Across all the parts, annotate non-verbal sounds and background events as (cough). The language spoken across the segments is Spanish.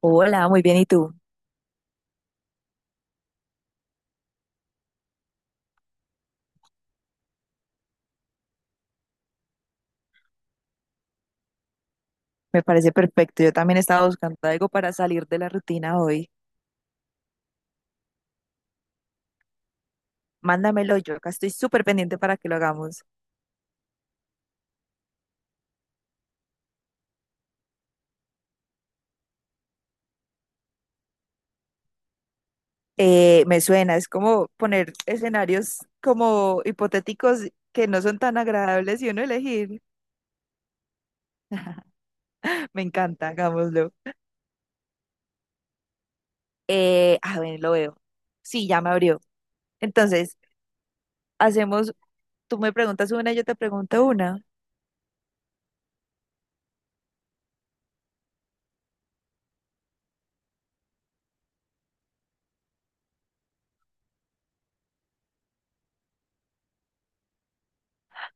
Hola, muy bien. ¿Y tú? Me parece perfecto. Yo también estaba buscando algo para salir de la rutina hoy. Mándamelo, yo acá estoy súper pendiente para que lo hagamos. Me suena, es como poner escenarios como hipotéticos que no son tan agradables y uno elegir. (laughs) Me encanta, hagámoslo. A ver, lo veo. Sí, ya me abrió. Entonces, hacemos, tú me preguntas una, yo te pregunto una.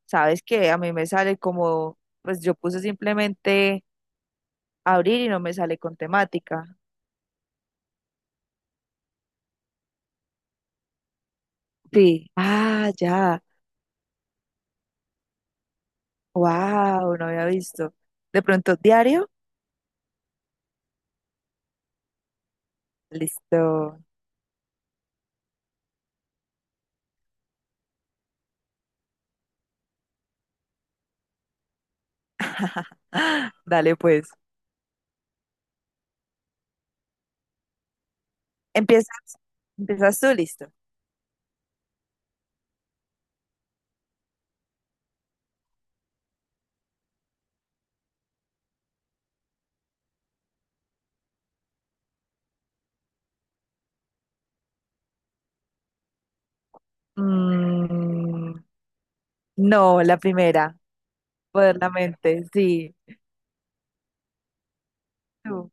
Sabes que a mí me sale como, pues yo puse simplemente abrir y no me sale con temática. Sí. Ah, ya. Wow, no había visto. De pronto, diario. Listo. Ah, dale, pues. Empiezas, empiezas tú, listo. Mm, no, la primera. Poder la mente, sí. Tú.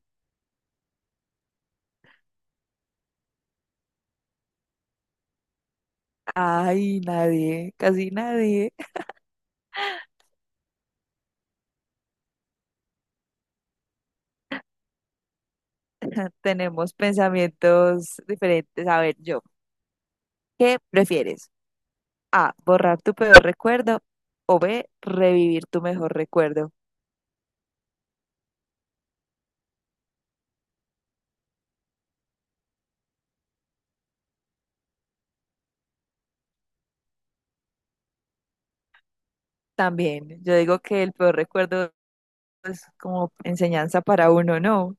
Ay, nadie, casi nadie. (laughs) Tenemos pensamientos diferentes. A ver, yo, ¿qué prefieres? A, borrar tu peor recuerdo o B, revivir tu mejor recuerdo. También, yo digo que el peor recuerdo es como enseñanza para uno, ¿no?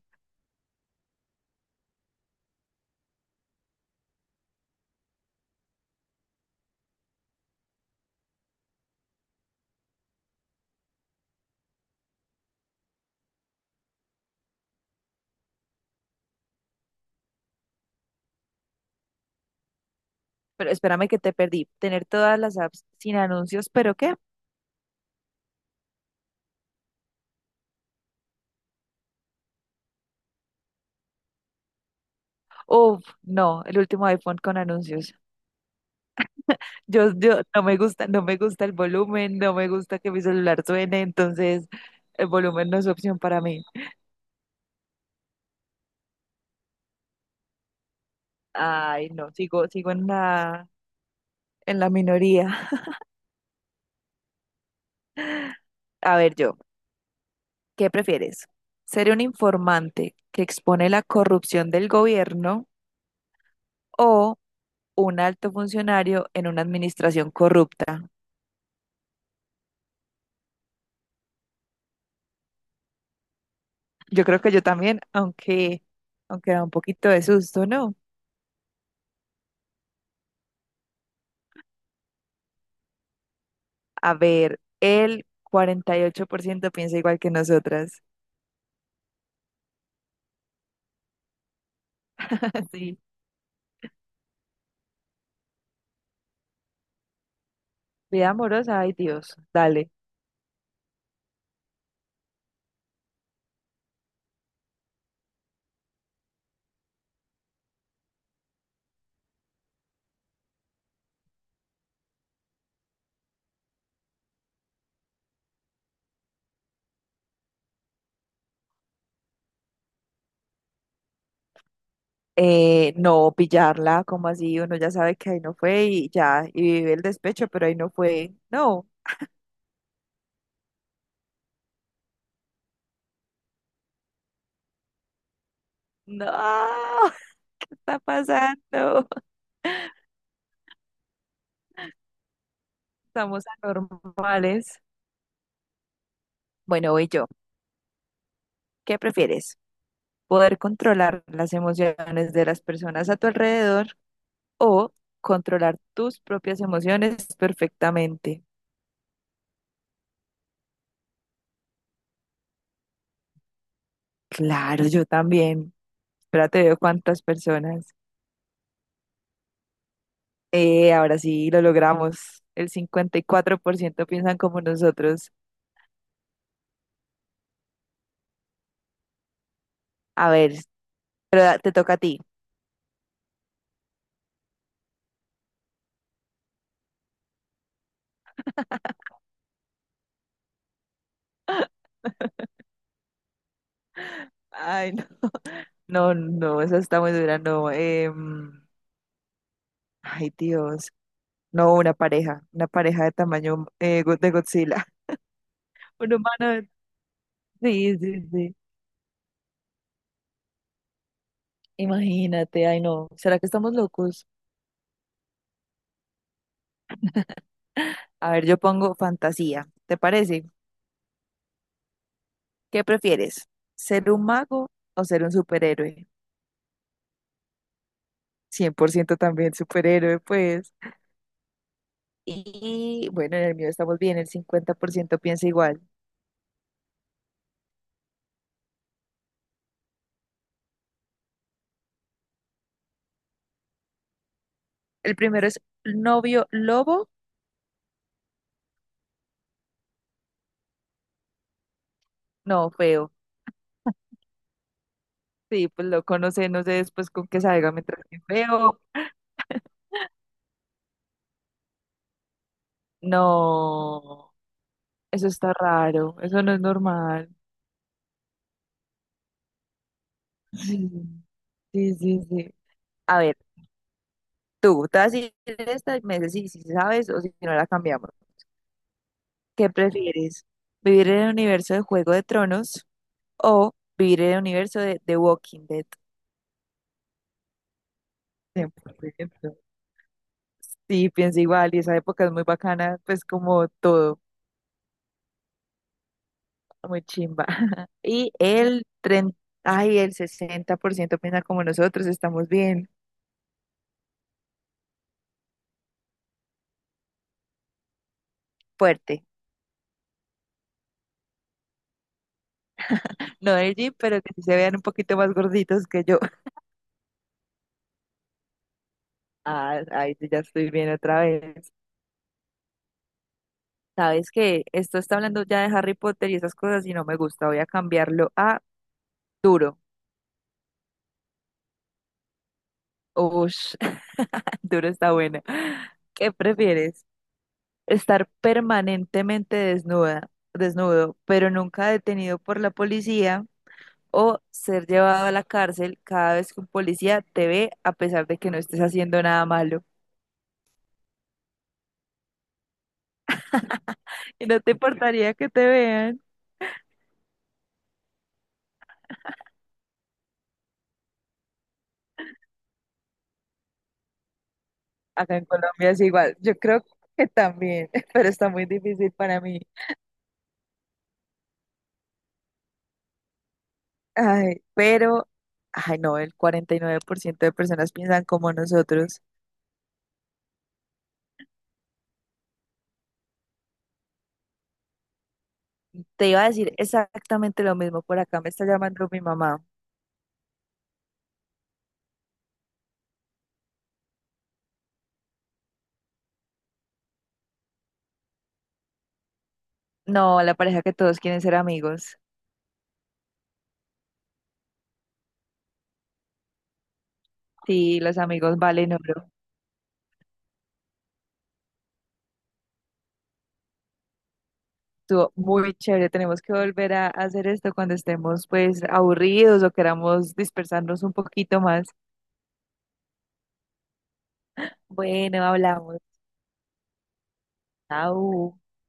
Pero espérame que te perdí. Tener todas las apps sin anuncios, ¿pero qué? Uf, no, el último iPhone con anuncios. Yo no me gusta, no me gusta el volumen, no me gusta que mi celular suene, entonces el volumen no es opción para mí. Ay, no, sigo, sigo en la minoría. A ver, yo, ¿qué prefieres? ¿Ser un informante que expone la corrupción del gobierno o un alto funcionario en una administración corrupta? Yo creo que yo también, aunque da un poquito de susto, ¿no? A ver, el 48% piensa igual que nosotras. (laughs) Sí. Vida amorosa, ay Dios, dale. No pillarla, como así, uno ya sabe que ahí no fue y ya, y vive el despecho, pero ahí no fue. No, no, (laughs) ¿qué está pasando? (laughs) Estamos anormales. Bueno, voy yo. ¿Qué prefieres? ¿Poder controlar las emociones de las personas a tu alrededor o controlar tus propias emociones perfectamente? Claro, yo también. Espérate, veo cuántas personas. Ahora sí lo logramos. El 54% piensan como nosotros. A ver, pero te toca a ti. (laughs) Ay, no, no, no, esa está muy dura, no. Ay, Dios. No, una pareja de tamaño de Godzilla. (laughs) Un humano de- Sí, sí, sí. Imagínate, ay, no. ¿Será que estamos locos? A ver, yo pongo fantasía. ¿Te parece? ¿Qué prefieres? ¿Ser un mago o ser un superhéroe? 100% también superhéroe, pues. Y bueno, en el mío estamos bien, el 50% piensa igual. El primero es novio lobo. No, feo. Sí, pues lo conoce, no sé después con qué salga mientras que feo. No, eso está raro, eso no es normal. (laughs) Sí, sí, sí. Sí. A ver, tú, te vas a decir esta y me dices si sabes o si no la cambiamos. ¿Qué prefieres? ¿Vivir en el universo de Juego de Tronos o vivir en el universo de The Walking Dead? 100%. Sí, pienso igual, y esa época es muy bacana, pues como todo, muy chimba. (laughs) Y el 30, ay, el 60% piensa como nosotros, estamos bien fuerte. No del gym, pero que sí se vean un poquito más gorditos que yo. (laughs) Ah, ay, sí, ya estoy bien otra vez. Sabes que esto está hablando ya de Harry Potter y esas cosas y no me gusta, voy a cambiarlo a duro. Ush, duro está buena. ¿Qué prefieres? ¿Estar permanentemente desnuda, desnudo, pero nunca detenido por la policía? ¿O ser llevado a la cárcel cada vez que un policía te ve a pesar de que no estés haciendo nada malo? Y no te importaría que te vean. Acá en Colombia es igual. Yo creo que también, (laughs) pero está muy difícil para mí. Ay, pero, ay no, el 49% de personas piensan como nosotros. Te iba a decir exactamente lo mismo. Por acá me está llamando mi mamá. No, la pareja que todos quieren ser amigos. Sí, los amigos valen oro. Estuvo muy chévere. Tenemos que volver a hacer esto cuando estemos pues aburridos o queramos dispersarnos un poquito más. Bueno, hablamos. Chao.